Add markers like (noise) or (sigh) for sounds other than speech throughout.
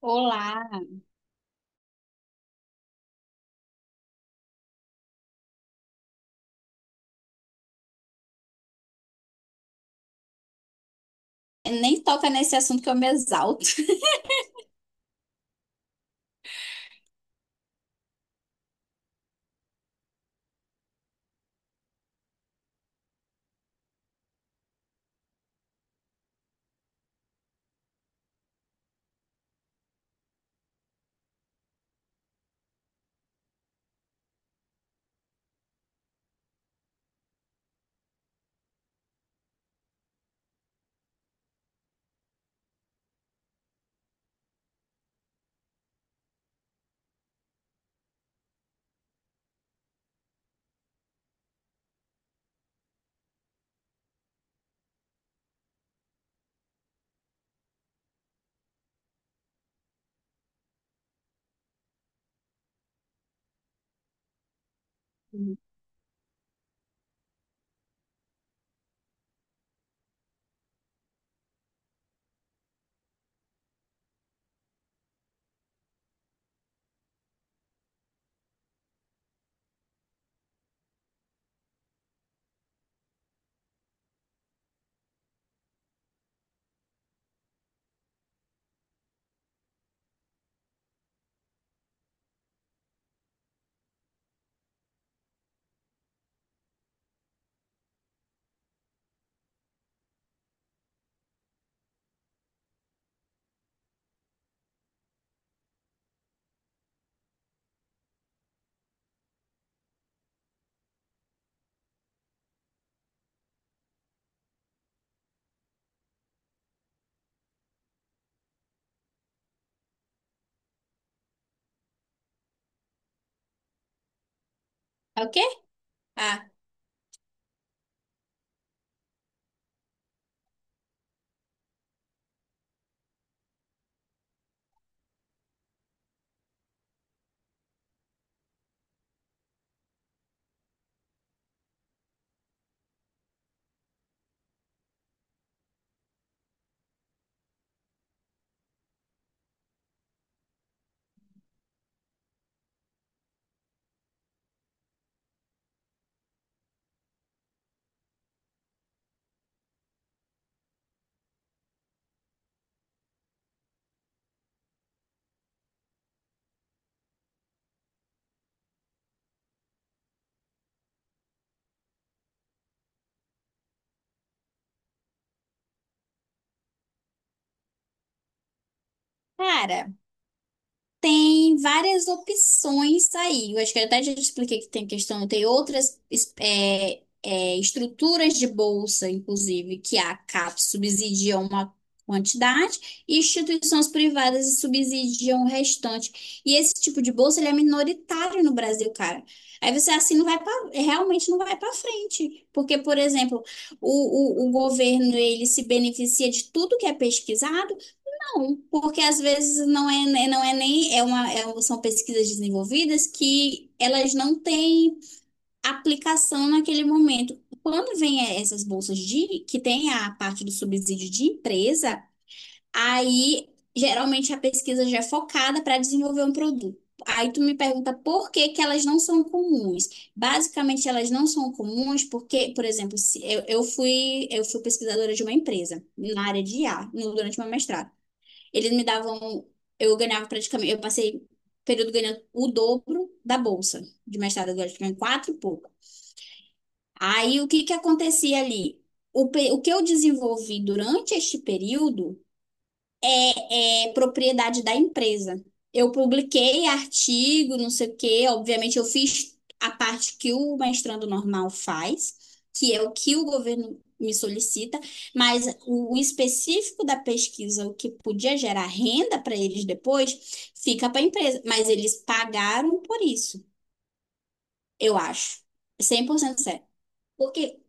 Olá, nem toca nesse assunto que eu me exalto. (laughs) É o quê? Ah, cara. Tem várias opções, tá aí. Eu acho que eu até já te expliquei que tem questão, tem outras estruturas de bolsa, inclusive, que a CAPES subsidia uma quantidade e instituições privadas subsidiam o restante. E esse tipo de bolsa, ele é minoritário no Brasil, cara. Aí você assim não vai para, realmente não vai para frente, porque, por exemplo, o governo, ele se beneficia de tudo que é pesquisado não, porque às vezes não é, né, não é nem é uma, são pesquisas desenvolvidas que elas não têm aplicação naquele momento. Quando vem essas bolsas de que tem a parte do subsídio de empresa, aí geralmente a pesquisa já é focada para desenvolver um produto. Aí tu me pergunta por que que elas não são comuns. Basicamente elas não são comuns porque, por exemplo, se eu fui pesquisadora de uma empresa na área de IA durante uma mestrado. Eles me davam, eu ganhava praticamente, eu passei período ganhando o dobro da bolsa de mestrado, agora ganhando quatro e pouco. Aí o que que acontecia ali? O que eu desenvolvi durante este período é propriedade da empresa. Eu publiquei artigo, não sei o quê, obviamente eu fiz a parte que o mestrando normal faz, que é o que o governo me solicita, mas o específico da pesquisa, o que podia gerar renda para eles depois, fica para a empresa. Mas eles pagaram por isso, eu acho. 100% certo. Porque,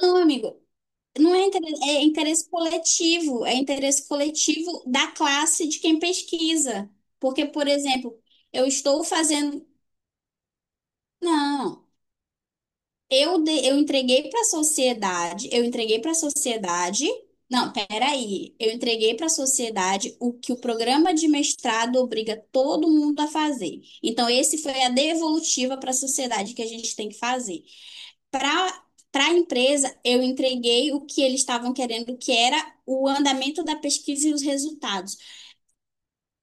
não, amigo, não é interesse, é interesse coletivo da classe de quem pesquisa. Porque, por exemplo, eu estou fazendo. Não, eu entreguei para a sociedade, eu entreguei para a sociedade. Não, peraí, eu entreguei para a sociedade o que o programa de mestrado obriga todo mundo a fazer. Então, esse foi a devolutiva para a sociedade que a gente tem que fazer. Para a empresa, eu entreguei o que eles estavam querendo, que era o andamento da pesquisa e os resultados.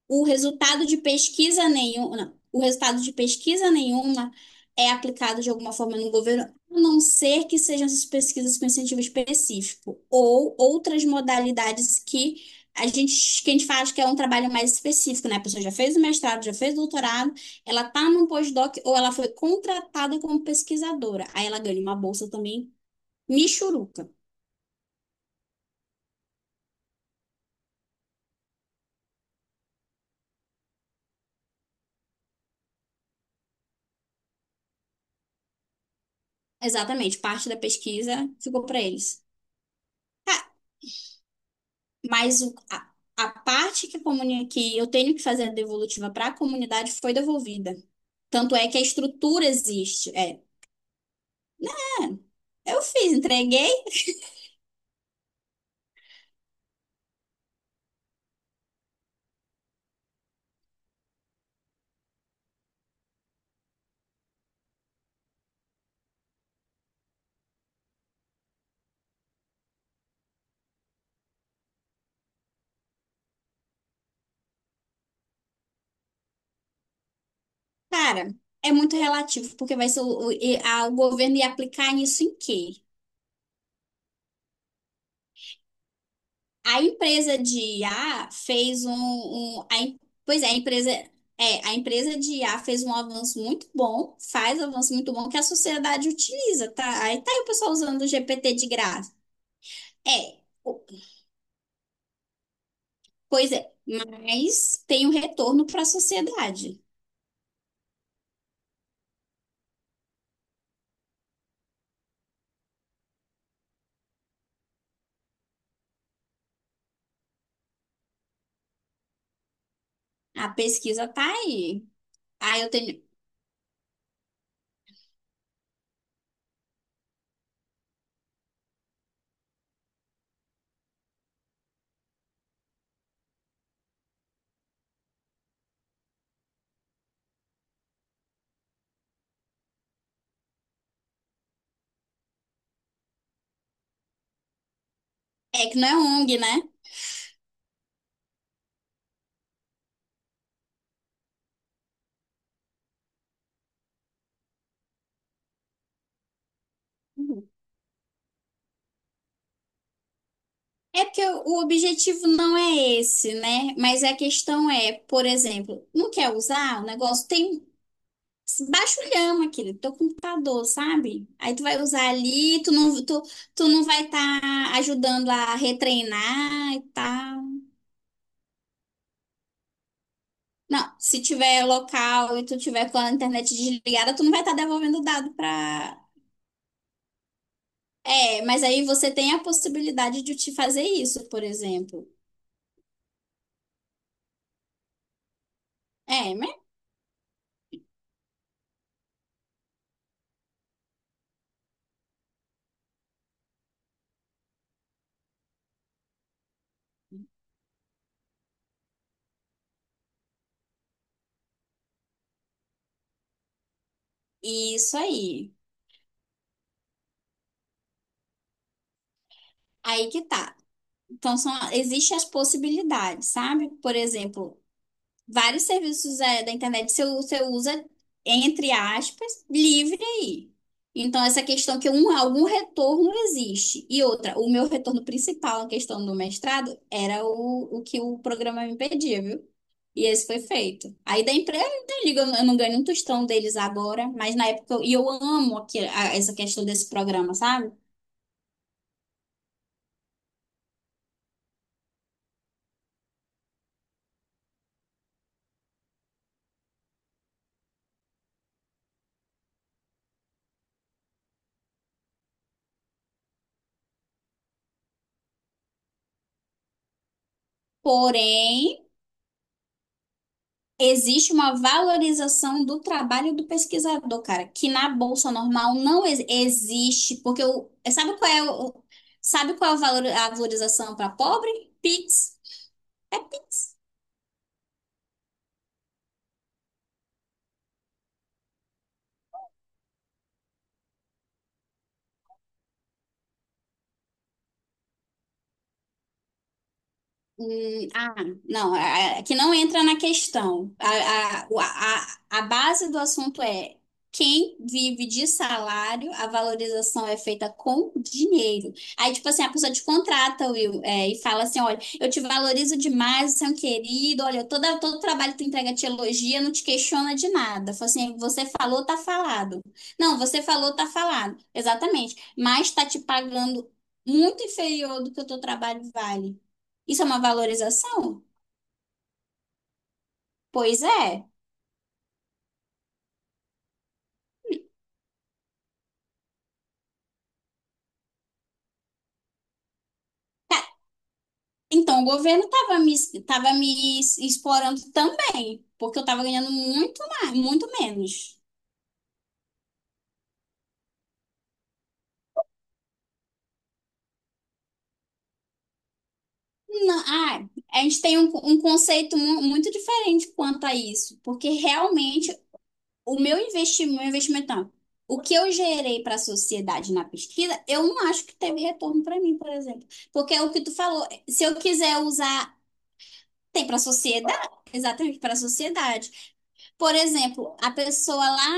O resultado de pesquisa nenhum, não, o resultado de pesquisa nenhuma é aplicado de alguma forma no governo, a não ser que sejam essas pesquisas com incentivo específico ou outras modalidades que a gente faz, que é um trabalho mais específico, né? A pessoa já fez o mestrado, já fez o doutorado, ela está num postdoc ou ela foi contratada como pesquisadora. Aí ela ganha uma bolsa também Michuruca, exatamente. Parte da pesquisa ficou para eles. Mas o- a, a parte que, que eu tenho que fazer a devolutiva para a comunidade, foi devolvida. Tanto é que a estrutura existe. É, eu fiz, entreguei, cara. É muito relativo, porque vai ser o governo ia aplicar nisso em quê? A empresa de IA fez pois é, a empresa a empresa de I A fez um avanço muito bom, faz um avanço muito bom que a sociedade utiliza, tá? Aí tá aí o pessoal usando o GPT de graça. É, o- Pois é, mas tem um retorno para a sociedade. A pesquisa tá aí. Aí eu tenho, é que não é ONG, né? Uhum. É porque o objetivo não é esse, né? Mas a questão é, por exemplo, não quer usar o negócio? Tem Baixulhão aquele teu computador, sabe? Aí tu vai usar ali, tu não vai estar ajudando a retreinar e tal. Não, se tiver local e tu tiver com a internet desligada, tu não vai estar devolvendo dado pra. É, mas aí você tem a possibilidade de te fazer isso, por exemplo. É, né? Isso aí. Aí que tá. Então, existem as possibilidades, sabe? Por exemplo, vários serviços da internet, você usa, entre aspas, livre aí. Então, essa questão que algum retorno existe. E outra, o meu retorno principal na questão do mestrado era o que o programa me pedia, viu? E esse foi feito. Aí da empresa, eu não ligo, eu não ganho um tostão deles agora, mas na época, e eu amo aqui, essa questão desse programa, sabe? Porém, existe uma valorização do trabalho do pesquisador, cara, que na bolsa normal não existe, porque sabe qual é a valorização para pobre? Pix. É Pix. Hum, ah, não, que não entra na questão. A base do assunto é quem vive de salário, a valorização é feita com dinheiro. Aí, tipo assim, a pessoa te contrata, Will, e fala assim: olha, eu te valorizo demais, você é um querido. Olha, todo trabalho que tu entrega te elogia, não te questiona de nada. Fala assim, você falou, tá falado. Não, você falou, tá falado. Exatamente. Mas tá te pagando muito inferior do que o teu trabalho vale. Isso é uma valorização? Pois é. Então, o governo tava me explorando também, porque eu estava ganhando muito menos. Não, a gente tem um conceito muito diferente quanto a isso, porque realmente o meu investimento, não, o que eu gerei para a sociedade na pesquisa, eu não acho que teve retorno para mim, por exemplo. Porque é o que tu falou, se eu quiser usar, tem para a sociedade, exatamente para a sociedade. Por exemplo, a pessoa lá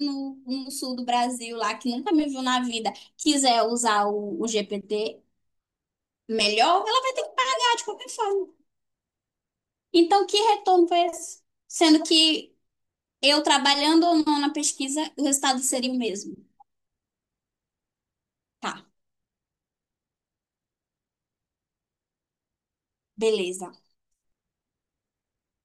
no sul do Brasil, lá que nunca me viu na vida, quiser usar o GPT melhor, ela vai ter que pagar de qualquer forma. Então, que retorno foi esse? Sendo que eu trabalhando ou não na pesquisa, o resultado seria o mesmo. Tá, beleza.